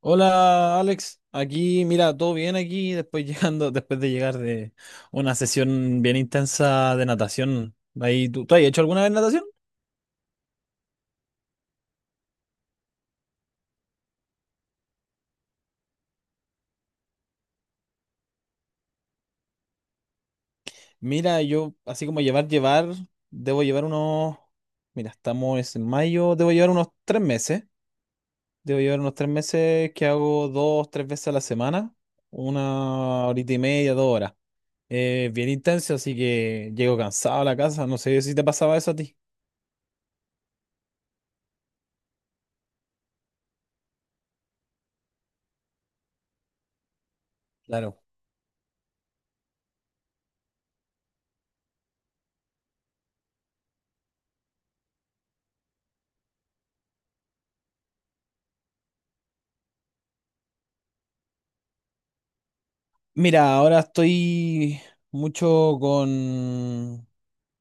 Hola Alex, aquí mira, todo bien aquí, después después de llegar de una sesión bien intensa de natación. Ahí, ¿tú has hecho alguna vez natación? Mira, yo así como llevar, debo llevar unos, mira, estamos en mayo, debo llevar unos 3 meses, debo llevar unos tres meses que hago dos, tres veces a la semana, una horita y media, 2 horas. Es bien intenso, así que llego cansado a la casa, no sé si te pasaba eso a ti. Claro. Mira, ahora estoy mucho con,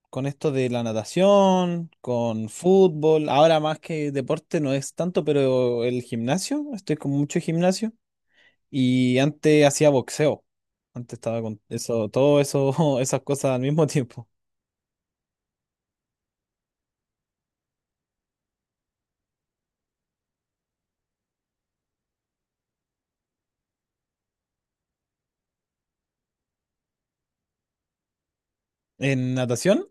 con esto de la natación, con fútbol. Ahora más que deporte no es tanto, pero el gimnasio, estoy con mucho gimnasio. Y antes hacía boxeo. Antes estaba con eso, todo eso, esas cosas al mismo tiempo. En natación.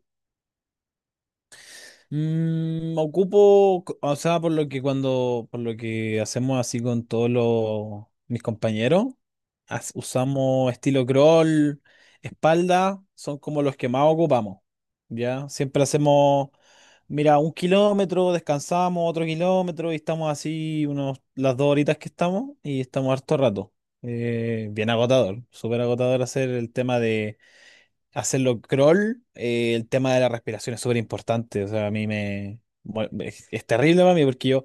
Ocupo, o sea, por lo que hacemos así con todos mis compañeros, usamos estilo crawl, espalda, son como los que más ocupamos, ¿ya? Siempre hacemos, mira, 1 kilómetro, descansamos otro kilómetro y estamos así las dos horitas que estamos y estamos harto rato. Bien agotador, súper agotador hacerlo crawl. Eh, el tema de la respiración es súper importante. O sea, a mí me, bueno, es terrible para mí porque yo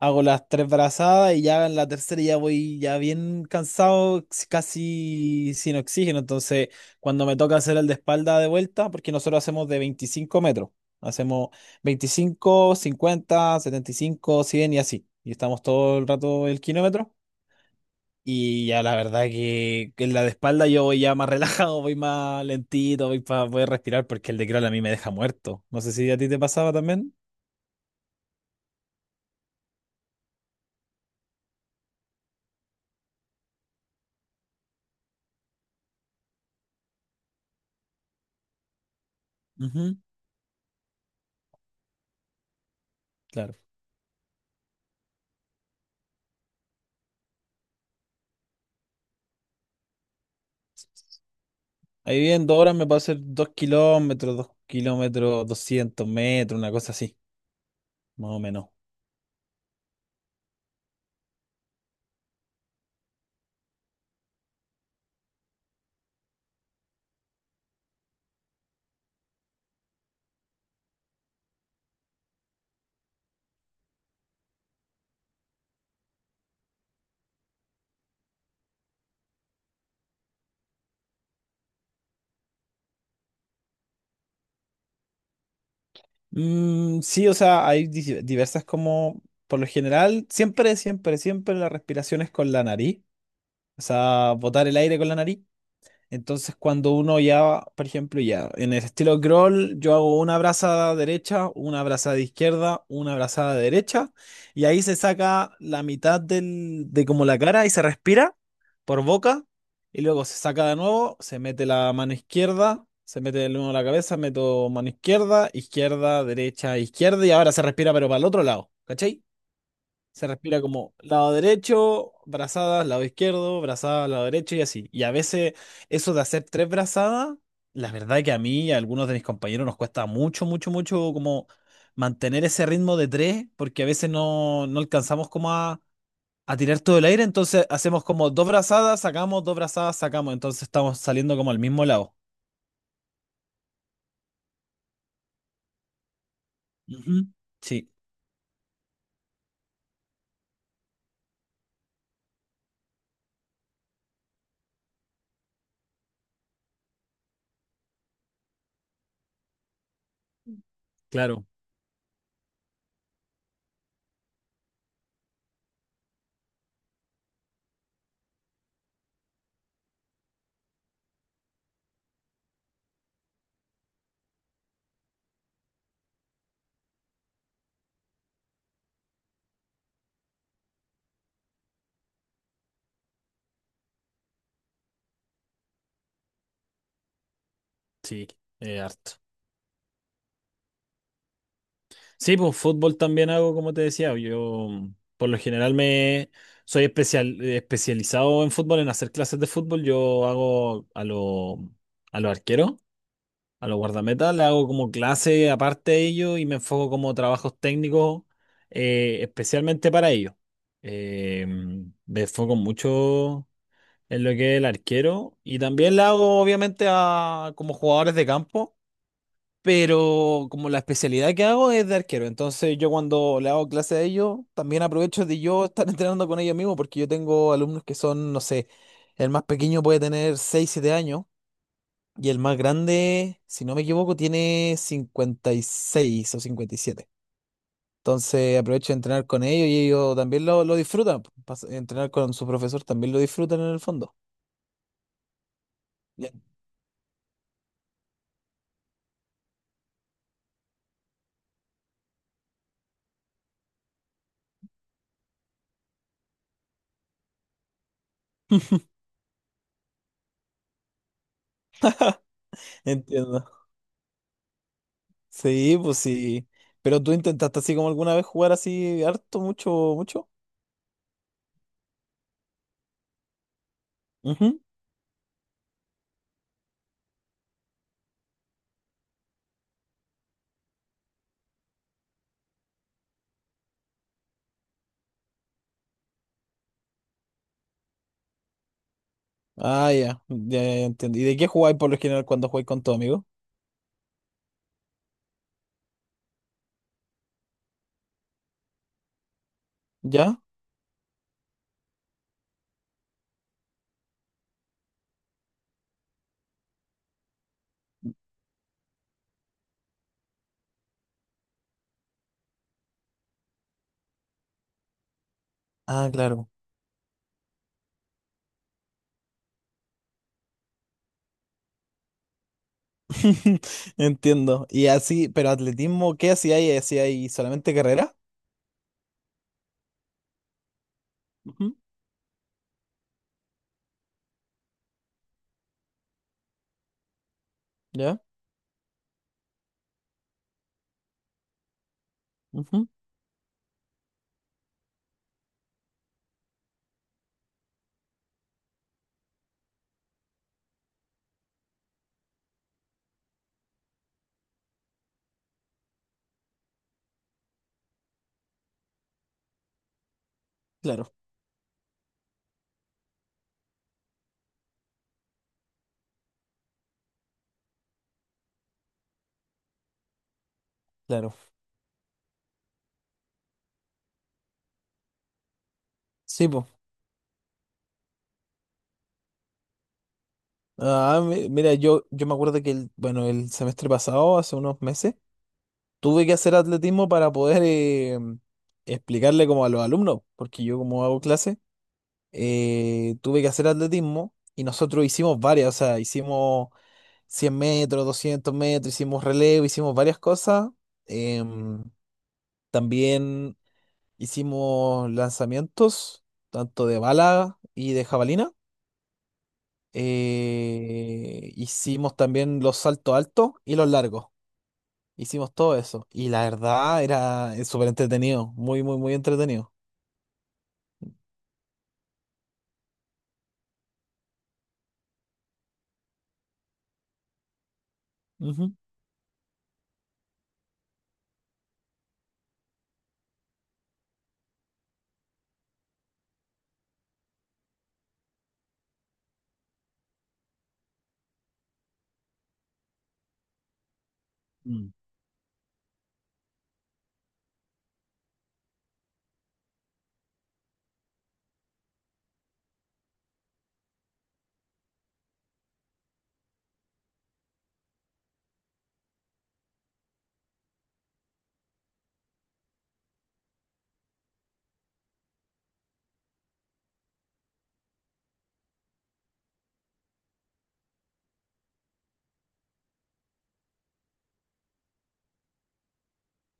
hago las tres brazadas y ya en la tercera ya voy ya bien cansado, casi sin oxígeno. Entonces, cuando me toca hacer el de espalda de vuelta, porque nosotros hacemos de 25 metros, hacemos 25, 50, 75, 100 y así. Y estamos todo el rato el kilómetro. Y ya la verdad que en la de espalda yo voy ya más relajado, voy más lentito, voy para poder respirar porque el de crawl a mí me deja muerto. No sé si a ti te pasaba también. Ujú, claro. Ahí bien, dos horas me puedo hacer 2 kilómetros, dos kilómetros, 200 metros, una cosa así, más o menos. Mm, sí, o sea, hay diversas como, por lo general, siempre, siempre, siempre la respiración es con la nariz, o sea, botar el aire con la nariz. Entonces, cuando uno ya, por ejemplo, ya en el estilo crawl, yo hago una brazada derecha, una brazada izquierda, una brazada derecha, y ahí se saca la mitad del, de como la cara y se respira por boca, y luego se saca de nuevo, se mete la mano izquierda, se mete de nuevo la cabeza, meto mano izquierda, izquierda, derecha, izquierda, y ahora se respira, pero para el otro lado, ¿cachai? Se respira como lado derecho, brazadas, lado izquierdo, brazadas, lado derecho y así. Y a veces eso de hacer tres brazadas, la verdad que a mí y a algunos de mis compañeros nos cuesta mucho, mucho, mucho como mantener ese ritmo de tres, porque a veces no alcanzamos como a tirar todo el aire, entonces hacemos como dos brazadas, sacamos, entonces estamos saliendo como al mismo lado. Ujú. Sí, claro, sí, harto. Sí, pues fútbol también hago, como te decía. Yo, por lo general, me soy especializado en fútbol, en hacer clases de fútbol. Yo hago a los arqueros, a los guardametas, le hago como clase aparte de ellos y me enfoco como trabajos técnicos, especialmente para ellos. Eh, Me enfoco mucho en lo que es el arquero y también le hago obviamente a como jugadores de campo. Pero como la especialidad que hago es de arquero, entonces yo cuando le hago clase a ellos, también aprovecho de yo estar entrenando con ellos mismos, porque yo tengo alumnos que son, no sé, el más pequeño puede tener 6 7 años, y el más grande, si no me equivoco, tiene 56 o 57. Entonces aprovecho de entrenar con ellos y ellos también lo disfrutan. Pues, entrenar con su profesor también lo disfrutan en el fondo. Ya. Entiendo. Sí, pues sí. Pero tú intentaste así como alguna vez jugar así harto, mucho, mucho. Ujú. Ah, ya. Ya, ya, ya entiendo. ¿Y de qué jugáis por lo general cuando jugáis con tu amigo? ¿Ya? Ah, claro. Entiendo. Y así, pero atletismo, ¿qué hacía ahí? ¿Hacía ahí solamente carrera? Ujú. ¿Ya? Ujú. Claro, claro. Sí, pues. Ah, mira, yo me acuerdo que el, bueno, el semestre pasado, hace unos meses, tuve que hacer atletismo para poder explicarle como a los alumnos, porque yo como hago clase, tuve que hacer atletismo y nosotros hicimos varias, o sea, hicimos 100 metros, 200 metros, hicimos relevo, hicimos varias cosas. em, También hicimos lanzamientos, tanto de bala y de jabalina. Hicimos también los saltos altos y los largos. Hicimos todo eso. Y la verdad era, súper entretenido. Muy, muy, muy entretenido. Ujú. Mm,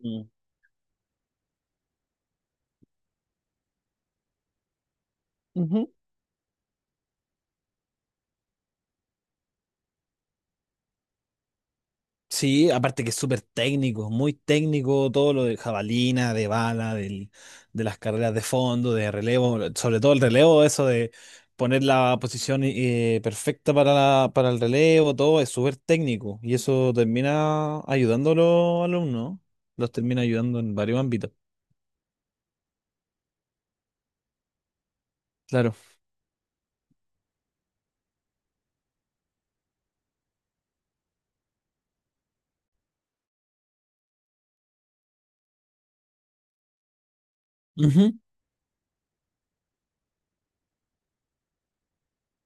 mm. Ujú. Sí, aparte que es súper técnico, muy técnico todo lo de jabalina, de bala, de las carreras de fondo, de relevo, sobre todo el relevo, eso de poner la posición, perfecta para el relevo, todo es súper técnico y eso termina ayudando a los alumnos, los termina ayudando en varios ámbitos. Claro.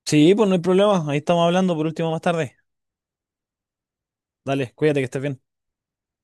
Sí, pues no hay problema. Ahí estamos hablando por último más tarde. Dale, cuídate que estés bien.